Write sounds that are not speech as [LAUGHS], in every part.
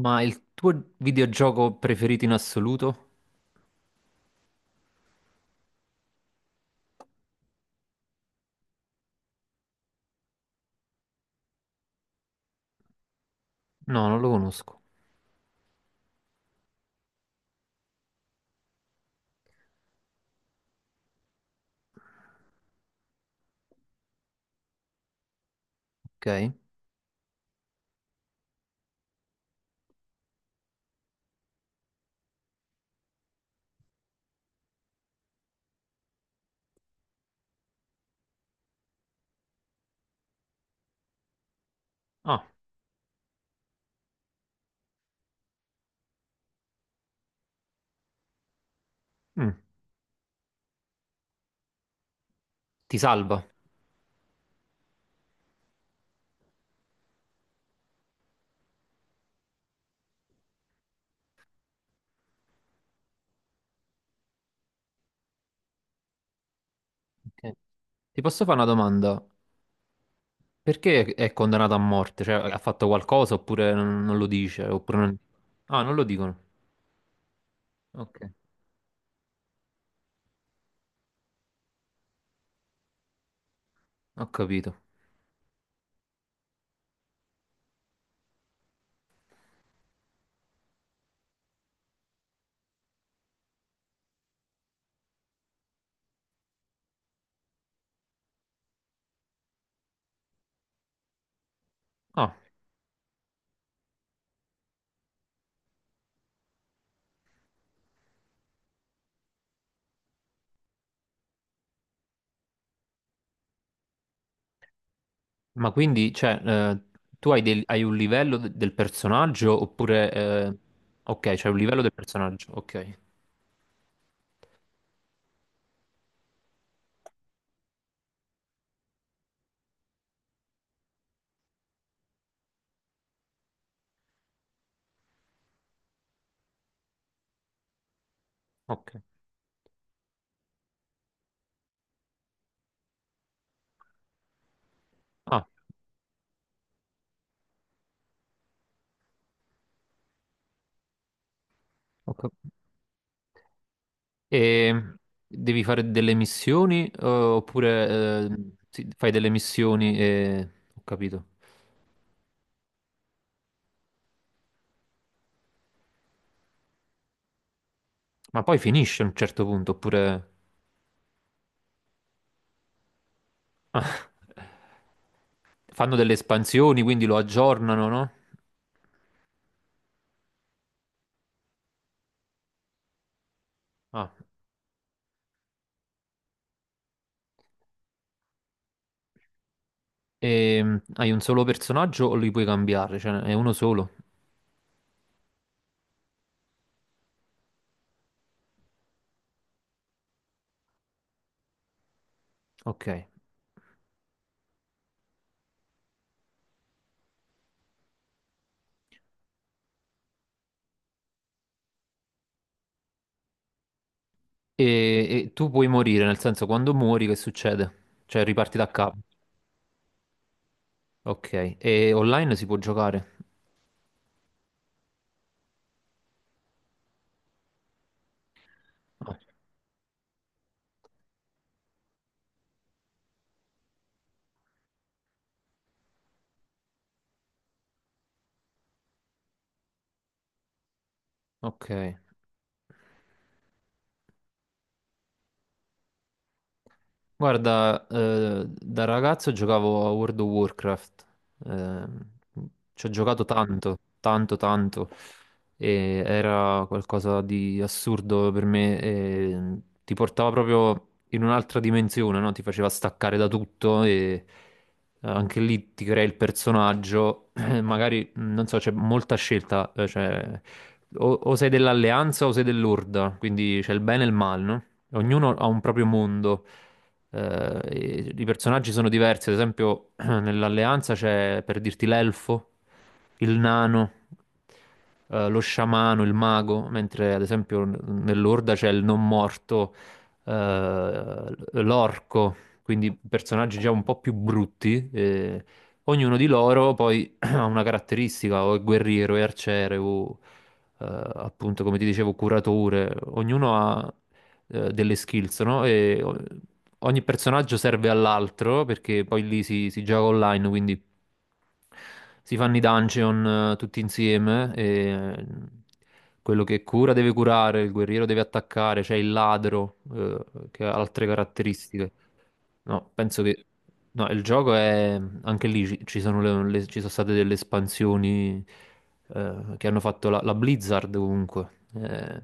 Ma il tuo videogioco preferito in assoluto? No, non lo conosco. Ok. Ah, mm. Ti salva. Ok. Ti posso fare una domanda? Perché è condannato a morte? Cioè, ha fatto qualcosa oppure non lo dice? Oppure non. Ah, non lo dicono. Ok, ho capito. Ah, ma quindi, cioè, tu hai, hai un livello del personaggio oppure. Ok, c'è un livello del personaggio. Ok, ok. Ah, ok. E devi fare delle missioni oppure sì, fai delle missioni e. Ho capito. Ma poi finisce a un certo punto oppure. [LAUGHS] Ah. Fanno delle espansioni, quindi lo aggiornano, no? Ah. E hai un solo personaggio o li puoi cambiare? Cioè è uno solo? Ok. E tu puoi morire, nel senso quando muori che succede? Cioè riparti da capo. Ok. E online si può giocare? Ah, ok. Guarda, da ragazzo giocavo a World of Warcraft, ehm, ci ho giocato tanto, tanto, tanto, e era qualcosa di assurdo per me, e ti portava proprio in un'altra dimensione, no? Ti faceva staccare da tutto e anche lì ti crei il personaggio, [CLEARS THROAT] magari, non so, c'è molta scelta, cioè, o sei dell'alleanza o sei dell'orda, quindi c'è il bene e il male, no? Ognuno ha un proprio mondo e i personaggi sono diversi, ad esempio [CLEARS THROAT] nell'Alleanza c'è, per dirti, l'elfo, il nano, lo sciamano, il mago, mentre ad esempio nell'Orda c'è il non morto, l'orco, quindi personaggi già un po' più brutti. E ognuno di loro poi ha una caratteristica, o è guerriero, è arciere, o eh, appunto, come ti dicevo, curatore. Ognuno ha delle skills, no? E ogni personaggio serve all'altro perché poi lì si gioca online, quindi si fanno i dungeon tutti insieme e eh, quello che cura deve curare, il guerriero deve attaccare, c'è il ladro che ha altre caratteristiche. No, penso che no, il gioco è anche lì ci sono, ci sono state delle espansioni che hanno fatto la Blizzard comunque. Eh,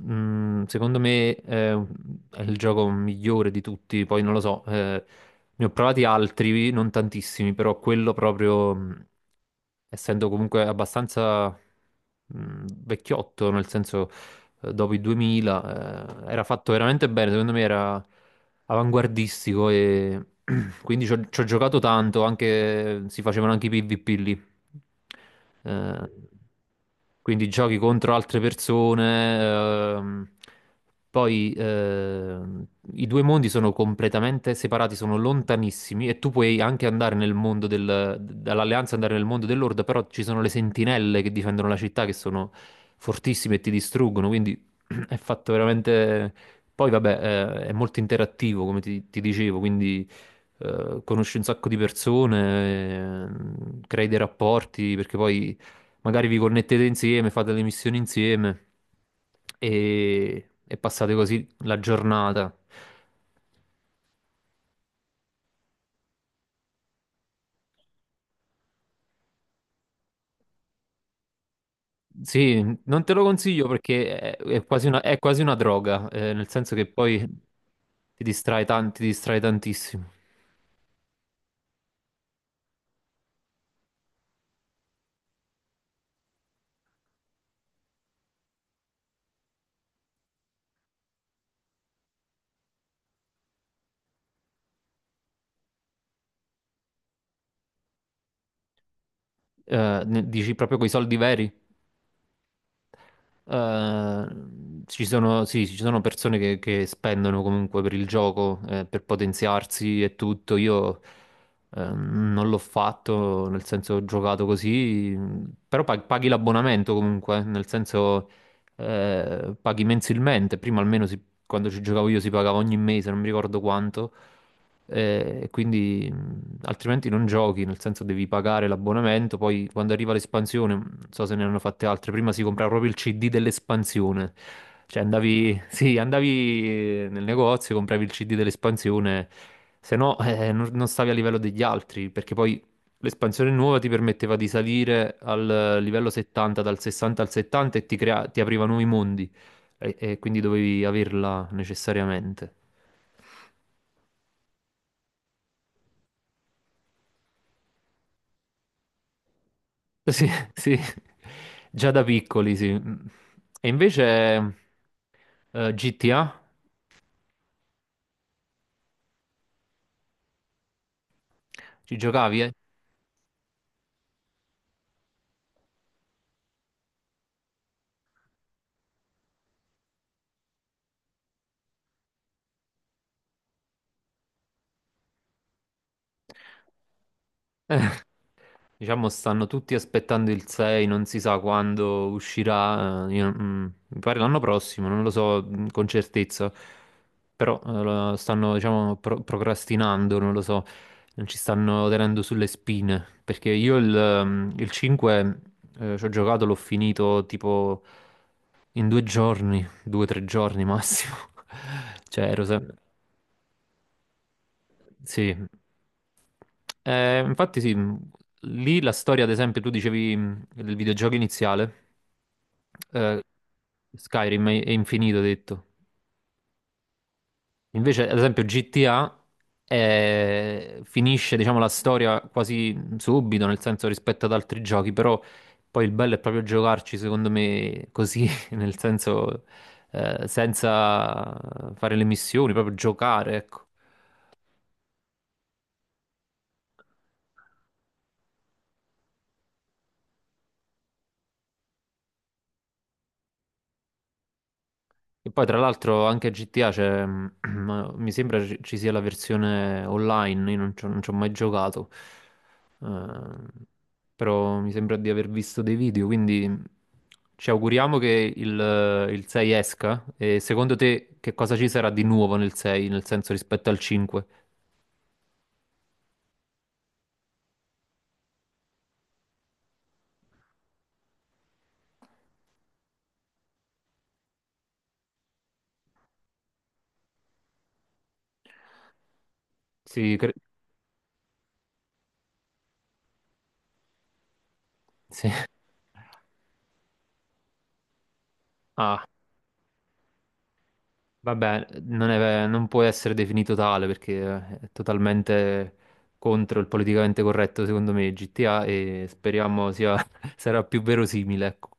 mm, secondo me è il gioco migliore di tutti, poi non lo so. Ne ho provati altri, non tantissimi, però quello proprio, essendo comunque abbastanza vecchiotto, nel senso dopo i 2000, era fatto veramente bene, secondo me era avanguardistico e [CLEARS THROAT] quindi ci ho giocato tanto, anche, si facevano anche i PvP lì, eh, quindi giochi contro altre persone. ehm, poi, i due mondi sono completamente separati, sono lontanissimi e tu puoi anche andare nel mondo dall'Alleanza, andare nel mondo dell'Orda, però ci sono le sentinelle che difendono la città che sono fortissime e ti distruggono, quindi [CLEARS THROAT] è fatto veramente. Poi vabbè, è molto interattivo, come ti dicevo, quindi conosci un sacco di persone, crei dei rapporti, perché poi magari vi connettete insieme, fate le missioni insieme e passate così la giornata. Sì, non te lo consiglio perché è quasi una droga, nel senso che poi ti distrae tantissimo. Dici proprio coi soldi veri? Eh, sì, ci sono persone che spendono comunque per il gioco, per potenziarsi e tutto. Io non l'ho fatto, nel senso ho giocato così, però paghi l'abbonamento comunque, nel senso paghi mensilmente. Prima almeno quando ci giocavo io si pagava ogni mese, non mi ricordo quanto. Quindi altrimenti non giochi, nel senso devi pagare l'abbonamento, poi quando arriva l'espansione, non so se ne hanno fatte altre, prima si comprava proprio il CD dell'espansione, cioè andavi, [LAUGHS] sì, andavi nel negozio, compravi il CD dell'espansione, se no non stavi a livello degli altri, perché poi l'espansione nuova ti permetteva di salire al livello 70, dal 60 al 70 e ti apriva nuovi mondi, e quindi dovevi averla necessariamente. Sì, [LAUGHS] sì, già da piccoli, sì. E invece GTA, ci giocavi? Eh? Diciamo, stanno tutti aspettando il 6, non si sa quando uscirà. Mi pare l'anno prossimo, non lo so con certezza. Però lo stanno, diciamo, procrastinando, non lo so. Non ci stanno tenendo sulle spine. Perché io il 5 ci ho giocato, l'ho finito tipo in 2 giorni, 2 o 3 giorni massimo. [LAUGHS] Cioè, ero sempre. Sì, infatti sì, lì la storia, ad esempio, tu dicevi del videogioco iniziale, eh, Skyrim è infinito, hai detto. Invece, ad esempio, GTA finisce, diciamo, la storia quasi subito, nel senso rispetto ad altri giochi, però poi il bello è proprio giocarci, secondo me, così, [LAUGHS] nel senso, senza fare le missioni, proprio giocare, ecco. E poi tra l'altro anche GTA c'è, [CLEARS THROAT] mi sembra ci sia la versione online, io non ci ho mai giocato. Eh, però mi sembra di aver visto dei video, quindi ci auguriamo che il 6 esca. E secondo te che cosa ci sarà di nuovo nel 6, nel senso rispetto al 5? Sì, sì. [LAUGHS] Ah, vabbè, non può essere definito tale perché è totalmente contro il politicamente corretto, secondo me, GTA e speriamo sia, [LAUGHS] sarà più verosimile. Ecco.